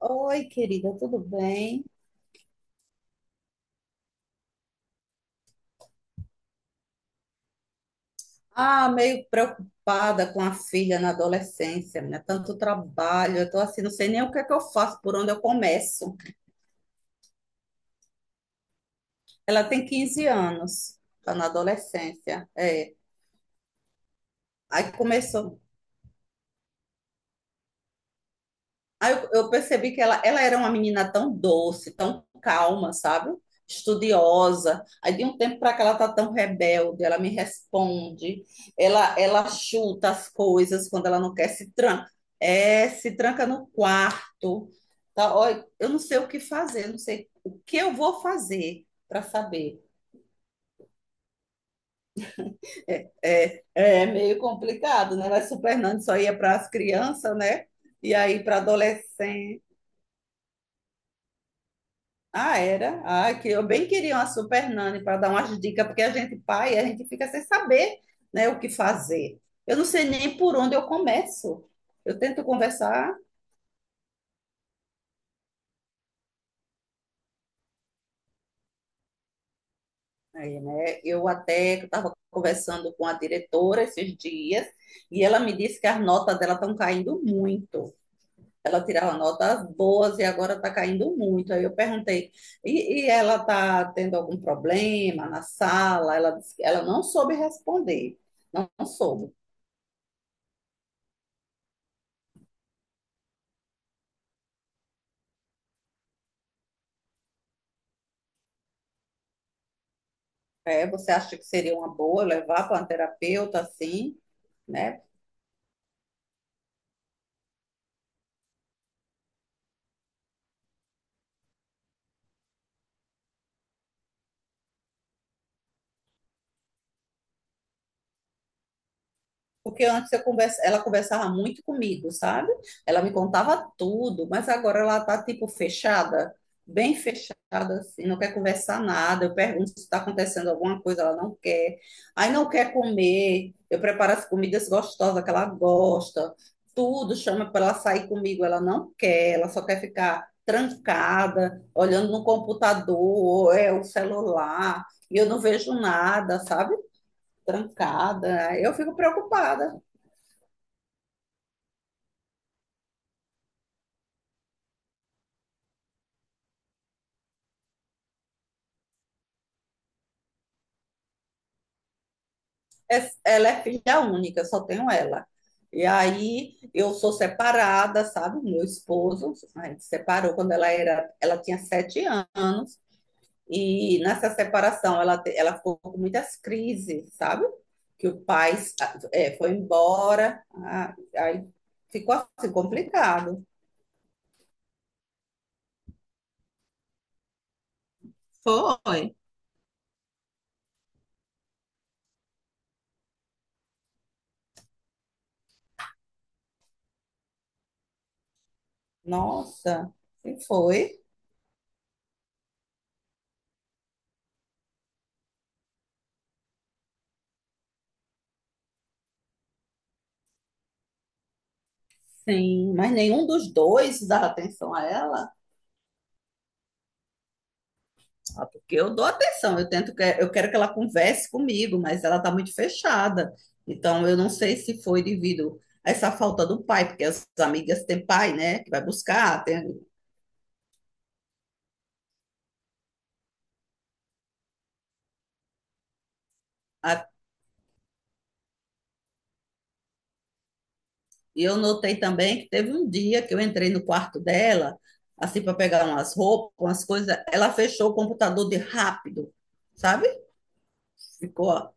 Oi, querida, tudo bem? Ah, meio preocupada com a filha na adolescência, né? Tanto trabalho, eu tô assim, não sei nem o que é que eu faço, por onde eu começo. Ela tem 15 anos, tá na adolescência, é. Aí começou. Aí eu percebi que ela era uma menina tão doce, tão calma, sabe? Estudiosa. Aí de um tempo para cá ela tá tão rebelde, ela me responde, ela chuta as coisas quando ela não quer, se tranca, é, se tranca no quarto. Tá? Olha, eu não sei o que fazer, eu não sei o que eu vou fazer para saber. É, é meio complicado, né? Mas o Nando só ia para as crianças, né? E aí para adolescente. Ah, era? Ah, que eu bem queria uma super nani para dar umas dicas, porque a gente, pai, a gente fica sem saber, né, o que fazer. Eu não sei nem por onde eu começo. Eu tento conversar, aí, né? Eu até estava conversando com a diretora esses dias, e ela me disse que as notas dela estão caindo muito. Ela tirava notas boas e agora está caindo muito. Aí eu perguntei, e ela está tendo algum problema na sala? Ela disse que ela não soube responder. Não soube. É, você acha que seria uma boa levar para um terapeuta assim, né? Porque antes eu conversa, ela conversava muito comigo, sabe? Ela me contava tudo, mas agora ela tá tipo fechada, bem fechada, assim, não quer conversar nada. Eu pergunto se está acontecendo alguma coisa, ela não quer. Aí não quer comer. Eu preparo as comidas gostosas que ela gosta. Tudo chama para ela sair comigo, ela não quer, ela só quer ficar trancada, olhando no computador, ou é o celular, e eu não vejo nada, sabe? Trancada. Eu fico preocupada. Ela é filha única, só tenho ela. E aí eu sou separada, sabe? Meu esposo, a gente separou quando ela era, ela tinha 7 anos, e nessa separação ela ficou com muitas crises, sabe? Que o pai ah, é, foi embora, ah, aí ficou assim complicado. Foi. Nossa, e foi? Sim, mas nenhum dos dois dava atenção a ela. Ah, porque eu dou atenção, eu tento que eu quero que ela converse comigo, mas ela está muito fechada. Então eu não sei se foi devido a essa falta do pai, porque as amigas têm pai, né, que vai buscar. A- E eu notei também que teve um dia que eu entrei no quarto dela, assim para pegar umas roupas, umas coisas, ela fechou o computador de rápido, sabe? Ficou.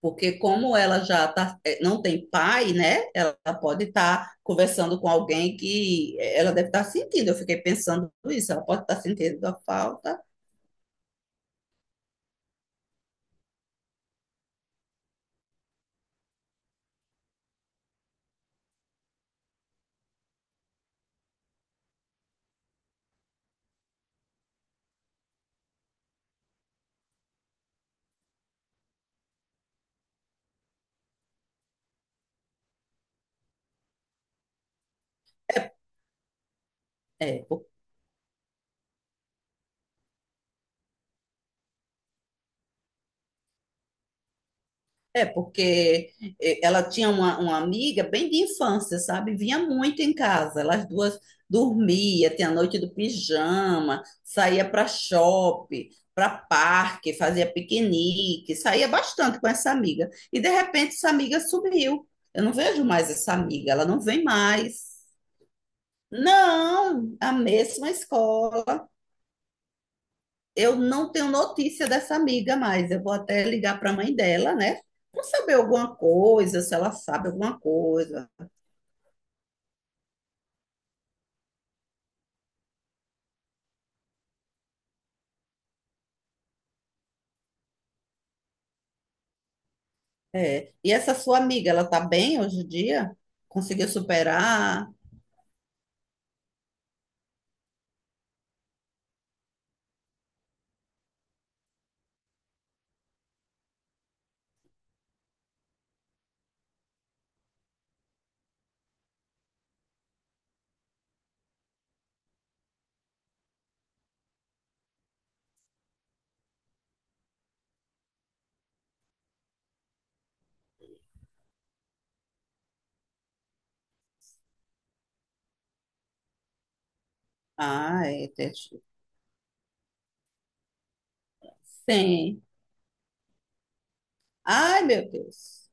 Porque como ela já tá, não tem pai, né? Ela pode estar conversando com alguém que ela deve estar sentindo. Eu fiquei pensando isso, ela pode estar sentindo a falta. É, é, é, porque ela tinha uma amiga bem de infância, sabe? Vinha muito em casa. Elas duas dormia, tinha a noite do pijama, saía para shopping, para parque, fazia piquenique, saía bastante com essa amiga. E de repente essa amiga sumiu. Eu não vejo mais essa amiga, ela não vem mais. Não, a mesma escola, eu não tenho notícia dessa amiga mais. Eu vou até ligar para a mãe dela, né? Para saber alguma coisa, se ela sabe alguma coisa. É. E essa sua amiga, ela tá bem hoje em dia? Conseguiu superar? Ai, deixa- sim. Ai, meu Deus.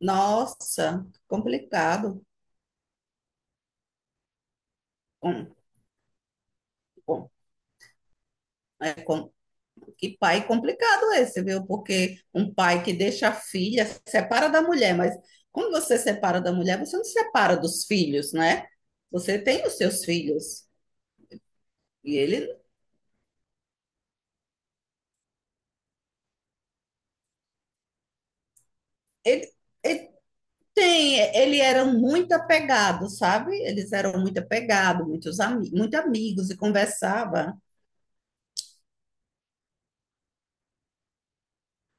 Nossa, complicado. Com, com, é. Que pai complicado esse, viu? Porque um pai que deixa a filha, separa da mulher, mas quando você separa da mulher, você não separa dos filhos, né? Você tem os seus filhos. E ele, ele, ele tem, ele era muito apegado, sabe? Eles eram muito apegados, muito amigos e conversava.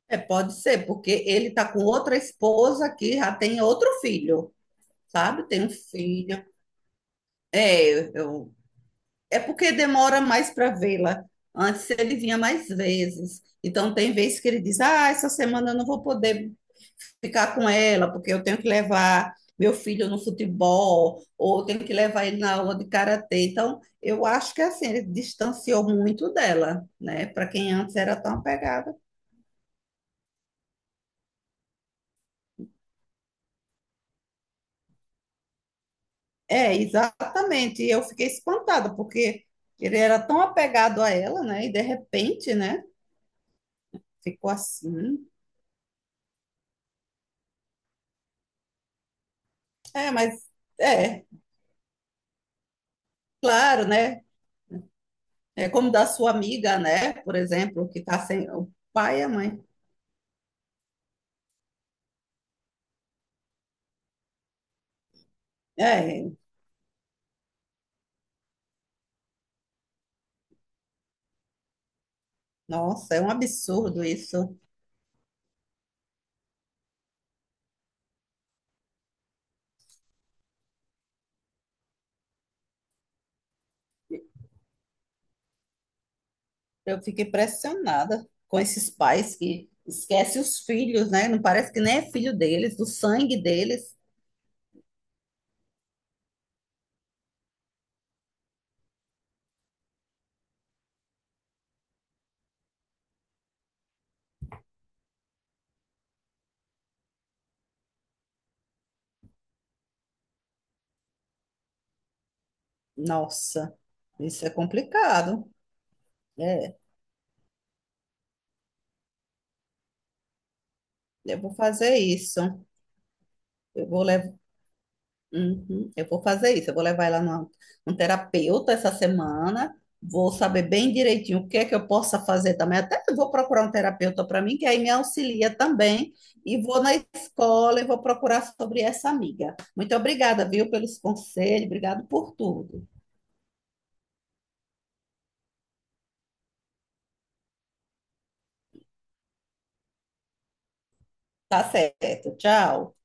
É, pode ser, porque ele tá com outra esposa que já tem outro filho, sabe? Tem um filho. É, eu, É porque demora mais para vê-la. Antes ele vinha mais vezes. Então, tem vezes que ele diz: Ah, essa semana eu não vou poder ficar com ela, porque eu tenho que levar meu filho no futebol, ou eu tenho que levar ele na aula de karatê. Então, eu acho que assim, ele distanciou muito dela, né? Para quem antes era tão apegada. É, exatamente. E eu fiquei espantada, porque ele era tão apegado a ela, né? E de repente, né? Ficou assim. É, mas é, claro, né? É como da sua amiga, né? Por exemplo, que está sem o pai e a mãe. É, nossa, é um absurdo isso. Eu fico impressionada com esses pais que esquecem os filhos, né? Não parece que nem é filho deles, do sangue deles. Nossa, isso é complicado. É, eu vou fazer isso. Eu vou levar Uhum. Eu vou fazer isso. Eu vou levar ela num terapeuta essa semana. Vou saber bem direitinho o que é que eu possa fazer também. Até eu vou procurar um terapeuta para mim, que aí me auxilia também. E vou na escola e vou procurar sobre essa amiga. Muito obrigada, viu, pelos conselhos. Obrigado por tudo. Tá certo. Tchau.